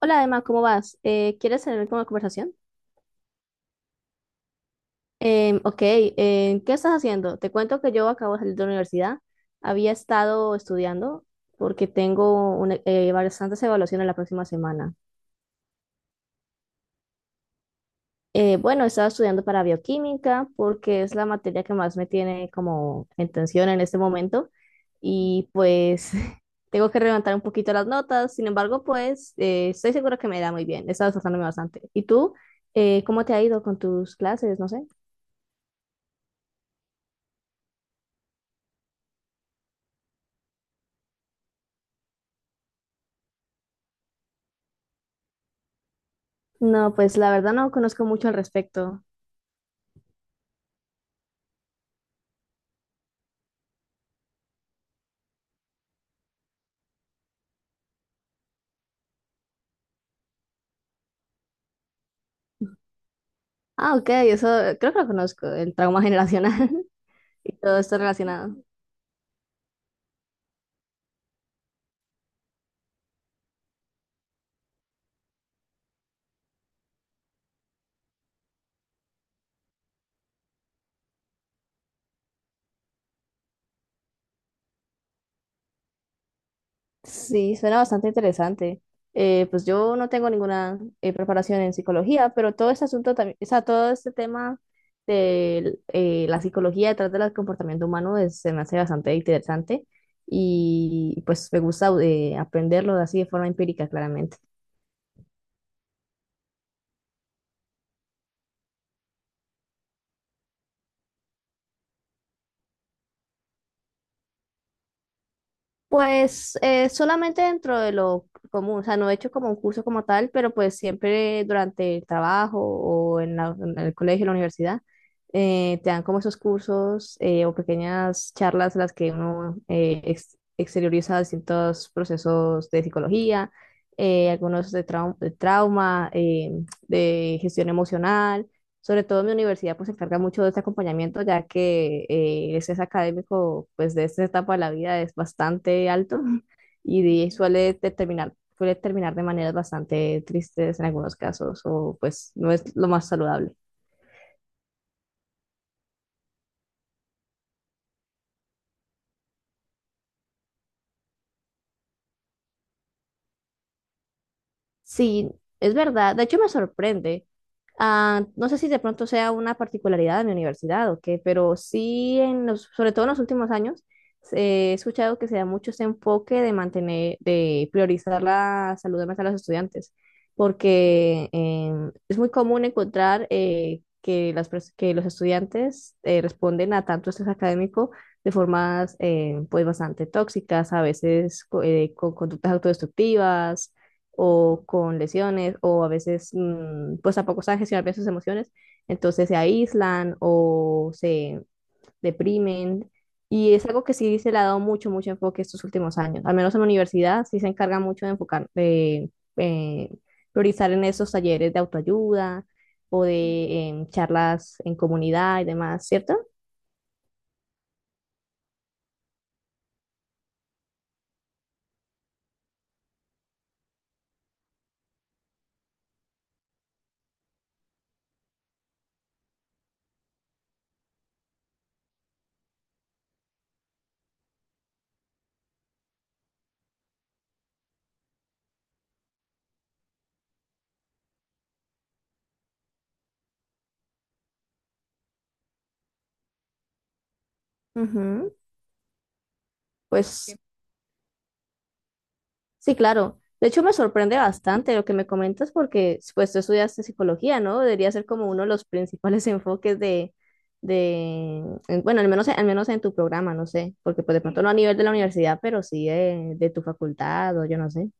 Hola Emma, ¿cómo vas? ¿Quieres tener como conversación? Ok, ¿qué estás haciendo? Te cuento que yo acabo de salir de la universidad. Había estado estudiando porque bastantes evaluaciones la próxima semana. Bueno, estaba estudiando para bioquímica porque es la materia que más me tiene como en tensión en este momento, y pues tengo que levantar un poquito las notas. Sin embargo, pues estoy segura que me irá muy bien. He estado esforzándome bastante. ¿Y tú? ¿Cómo te ha ido con tus clases? No sé. No, pues la verdad no conozco mucho al respecto. Ah, ok, eso creo que lo conozco, el trauma generacional y todo esto relacionado. Sí, suena bastante interesante. Pues yo no tengo ninguna preparación en psicología, pero todo este asunto también, o sea, todo este tema de la psicología detrás del comportamiento humano se me hace bastante interesante, y pues me gusta aprenderlo así de forma empírica, claramente. Pues solamente dentro de lo común, o sea, no he hecho como un curso como tal, pero pues siempre durante el trabajo en el colegio, en la universidad, te dan como esos cursos o pequeñas charlas en las que uno exterioriza distintos procesos de psicología, algunos de trauma, de gestión emocional. Sobre todo mi universidad pues se encarga mucho de este acompañamiento, ya que el estrés académico pues de esta etapa de la vida es bastante alto suele suele terminar de maneras bastante tristes en algunos casos, o pues no es lo más saludable. Sí, es verdad. De hecho, me sorprende. Ah, no sé si de pronto sea una particularidad de mi universidad o qué, pero sí, en los, sobre todo en los últimos años, he escuchado que se da mucho ese enfoque de mantener, de priorizar la salud mental de los estudiantes, porque es muy común encontrar que los estudiantes responden a tanto estrés académico de formas pues bastante tóxicas, a veces con conductas autodestructivas, o con lesiones, o a veces pues tampoco saben gestionar bien sus emociones, entonces se aíslan o se deprimen, y es algo que sí se le ha dado mucho, mucho enfoque estos últimos años. Al menos en la universidad sí se encarga mucho de enfocar, de eh, priorizar en esos talleres de autoayuda o de charlas en comunidad y demás, ¿cierto? Ujú. Pues sí, claro. De hecho, me sorprende bastante lo que me comentas, porque pues tú estudiaste psicología, ¿no? Debería ser como uno de los principales enfoques de, bueno, al menos en tu programa, no sé, porque pues de pronto no a nivel de la universidad, pero sí de tu facultad, o yo no sé.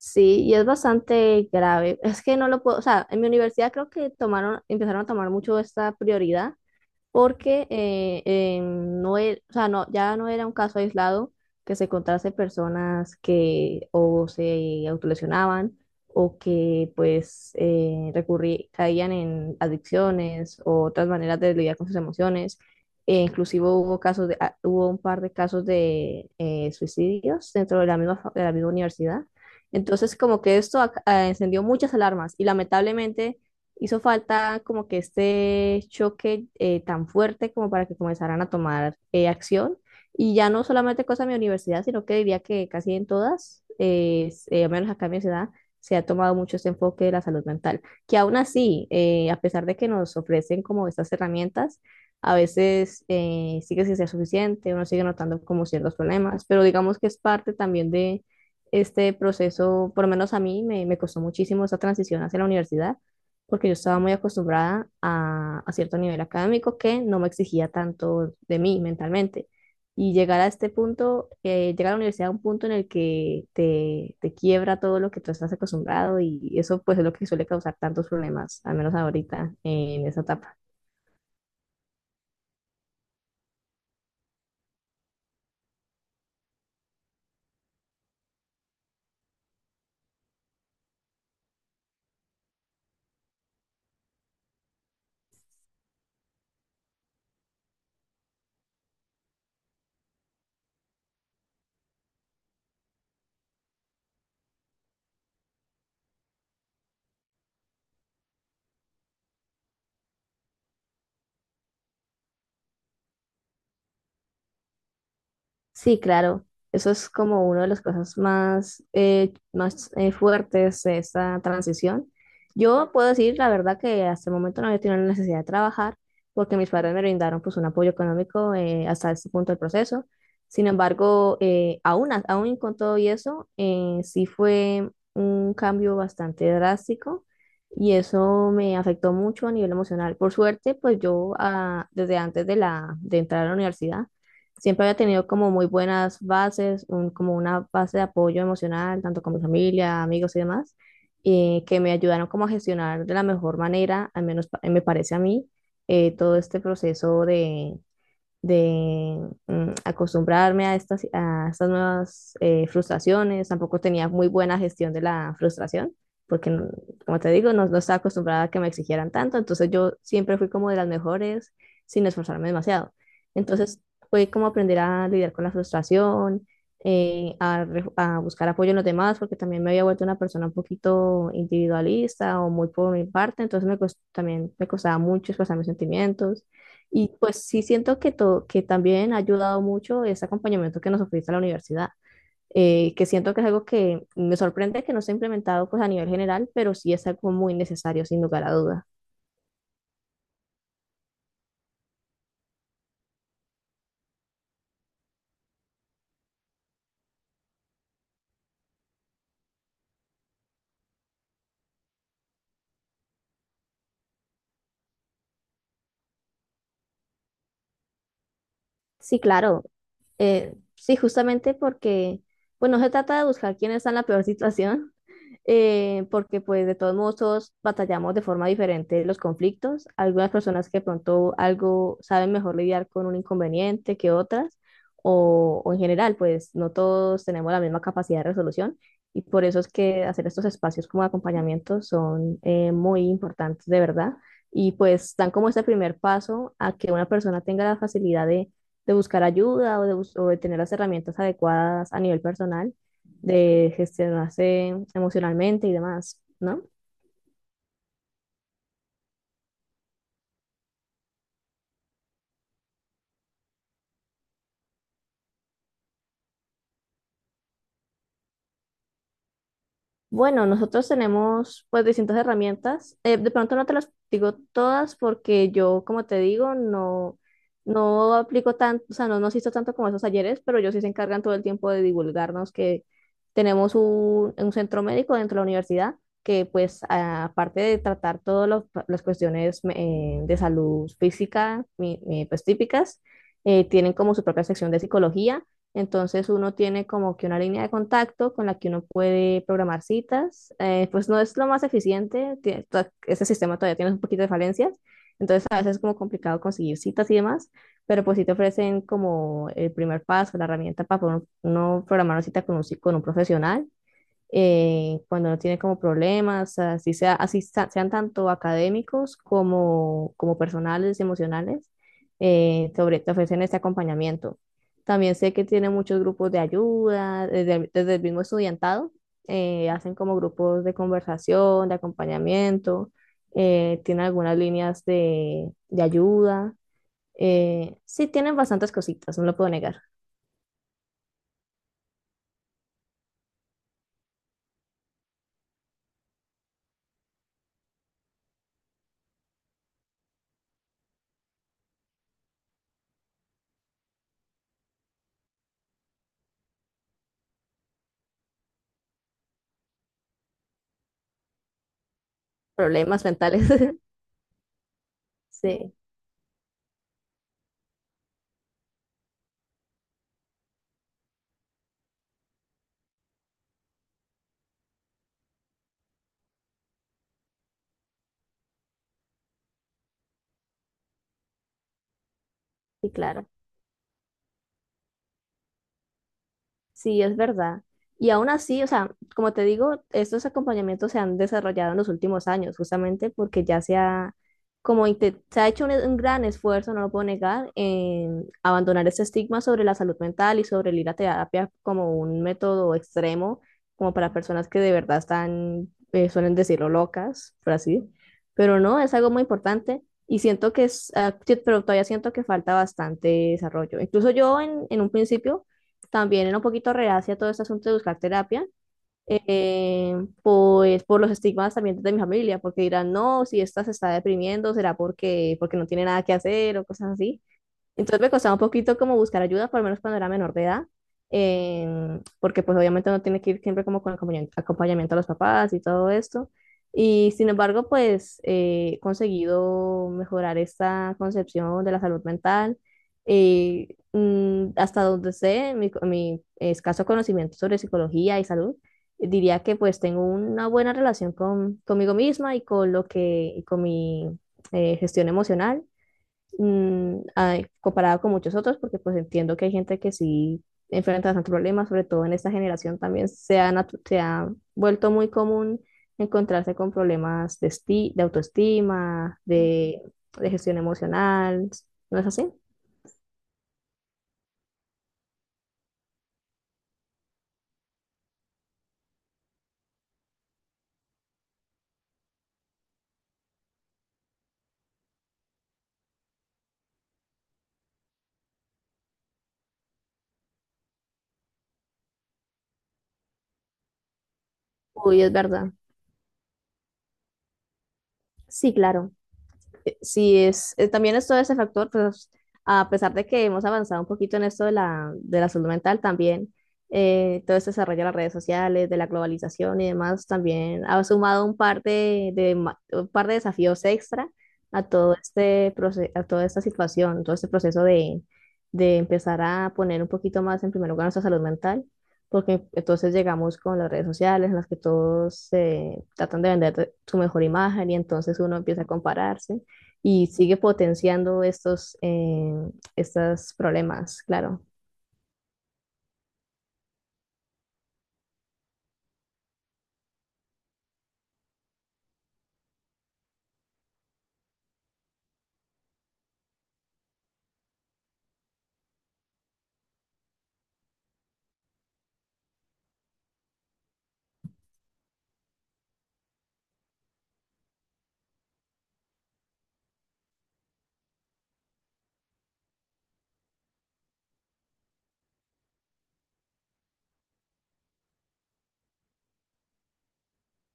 Sí, y es bastante grave. Es que no lo puedo, o sea, en mi universidad creo que tomaron, empezaron a tomar mucho esta prioridad porque no, o sea, no, ya no era un caso aislado que se encontrase personas que o se autolesionaban, o que pues caían en adicciones o otras maneras de lidiar con sus emociones. E inclusive hubo casos de, ah, hubo un par de casos de suicidios dentro de la misma, de la misma universidad. Entonces, como que esto encendió muchas alarmas, y lamentablemente hizo falta como que este choque tan fuerte como para que comenzaran a tomar acción. Y ya no solamente cosa de mi universidad, sino que diría que casi en todas, al menos acá en mi ciudad, se ha tomado mucho este enfoque de la salud mental. Que aún así, a pesar de que nos ofrecen como estas herramientas, a veces sigue sin ser suficiente, uno sigue notando como ciertos problemas, pero digamos que es parte también de este proceso. Por lo menos a mí me costó muchísimo esa transición hacia la universidad, porque yo estaba muy acostumbrada a cierto nivel académico que no me exigía tanto de mí mentalmente. Y llegar a este punto, llegar a la universidad a un punto en el que te quiebra todo lo que tú estás acostumbrado, y eso pues es lo que suele causar tantos problemas, al menos ahorita en esa etapa. Sí, claro. Eso es como una de las cosas más, más fuertes de esta transición. Yo puedo decir la verdad que hasta el momento no he tenido la necesidad de trabajar, porque mis padres me brindaron pues un apoyo económico hasta este punto del proceso. Sin embargo, aún con todo y eso, sí fue un cambio bastante drástico, y eso me afectó mucho a nivel emocional. Por suerte, pues yo ah, desde antes de, la, de entrar a la universidad, siempre había tenido como muy buenas bases, como una base de apoyo emocional, tanto con mi familia, amigos y demás, que me ayudaron como a gestionar de la mejor manera, al menos me parece a mí, todo este proceso de acostumbrarme a estas nuevas frustraciones. Tampoco tenía muy buena gestión de la frustración, porque, como te digo, no, no estaba acostumbrada a que me exigieran tanto. Entonces yo siempre fui como de las mejores sin esforzarme demasiado. Entonces fue como aprender a lidiar con la frustración, a buscar apoyo en los demás, porque también me había vuelto una persona un poquito individualista o muy por mi parte. Entonces también me costaba mucho expresar mis sentimientos. Y pues sí siento que, que también ha ayudado mucho ese acompañamiento que nos ofrece la universidad, que siento que es algo que me sorprende que no se ha implementado pues a nivel general, pero sí es algo muy necesario, sin lugar a duda. Sí, claro, sí, justamente porque, pues no se trata de buscar quién está en la peor situación, porque pues de todos modos todos batallamos de forma diferente los conflictos. Algunas personas que de pronto algo saben mejor lidiar con un inconveniente que otras, o en general pues no todos tenemos la misma capacidad de resolución, y por eso es que hacer estos espacios como de acompañamiento son muy importantes de verdad, y pues dan como ese primer paso a que una persona tenga la facilidad de buscar ayuda, o de tener las herramientas adecuadas a nivel personal de gestionarse emocionalmente y demás, ¿no? Bueno, nosotros tenemos pues distintas herramientas. De pronto no te las digo todas porque yo, como te digo, no, no aplico tanto, o sea, no nos hizo tanto como esos talleres, pero ellos sí se encargan todo el tiempo de divulgarnos que tenemos un centro médico dentro de la universidad que pues aparte de tratar todas las cuestiones de salud física, pues típicas, tienen como su propia sección de psicología. Entonces uno tiene como que una línea de contacto con la que uno puede programar citas. Pues no es lo más eficiente, ese sistema todavía tiene un poquito de falencias, entonces a veces es como complicado conseguir citas y demás, pero pues sí te ofrecen como el primer paso, la herramienta para poder uno programar una cita con con un profesional cuando no tiene como problemas, así sea, sean tanto académicos como, como personales y emocionales, te ofrecen este acompañamiento. También sé que tiene muchos grupos de ayuda, desde, desde el mismo estudiantado, hacen como grupos de conversación, de acompañamiento, tienen algunas líneas de ayuda. Sí, tienen bastantes cositas, no lo puedo negar. Problemas mentales. Sí, sí, claro. Sí, es verdad. Y aún así, o sea, como te digo, estos acompañamientos se han desarrollado en los últimos años, justamente porque ya se ha, se ha hecho un gran esfuerzo, no lo puedo negar, en abandonar ese estigma sobre la salud mental y sobre el ir a terapia como un método extremo, como para personas que de verdad están, suelen decirlo, locas, por así. Pero no, es algo muy importante. Y siento que es, ah, sí, pero todavía siento que falta bastante desarrollo. Incluso yo en un principio también era un poquito reacia a todo este asunto de buscar terapia, eh, pues por los estigmas también de mi familia, porque dirán, no, si esta se está deprimiendo, será porque, porque no tiene nada que hacer o cosas así. Entonces me costaba un poquito como buscar ayuda, por lo menos cuando era menor de edad, porque pues obviamente uno tiene que ir siempre como con acompañamiento a los papás y todo esto. Y sin embargo, pues he conseguido mejorar esta concepción de la salud mental. Hasta donde sé, mi escaso conocimiento sobre psicología y salud, diría que pues tengo una buena relación con, conmigo misma y con lo que, y con mi gestión emocional, comparado con muchos otros, porque pues entiendo que hay gente que sí enfrenta bastantes problemas, sobre todo en esta generación también se ha, se ha vuelto muy común encontrarse con problemas de autoestima, de gestión emocional, ¿no es así? Uy, es verdad. Sí, claro. Sí, es, también es todo ese factor. Pues a pesar de que hemos avanzado un poquito en esto de la salud mental, también todo este desarrollo de las redes sociales, de la globalización y demás, también ha sumado un par un par de desafíos extra a todo a toda esta situación, todo este proceso de empezar a poner un poquito más en primer lugar nuestra salud mental, porque entonces llegamos con las redes sociales en las que todos tratan de vender su mejor imagen, y entonces uno empieza a compararse y sigue potenciando estos, estos problemas, claro.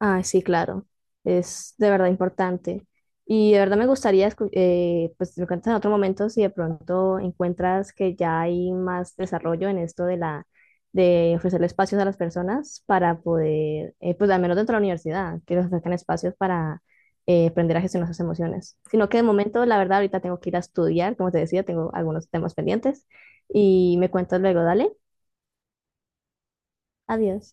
Ah, sí, claro. Es de verdad importante. Y de verdad me gustaría, pues me cuentas en otro momento si de pronto encuentras que ya hay más desarrollo en esto de la, de ofrecerle espacios a las personas para poder, pues al menos dentro de la universidad, que les ofrezcan espacios para aprender a gestionar sus emociones. Sino que de momento, la verdad, ahorita tengo que ir a estudiar, como te decía, tengo algunos temas pendientes y me cuentas luego, dale. Adiós.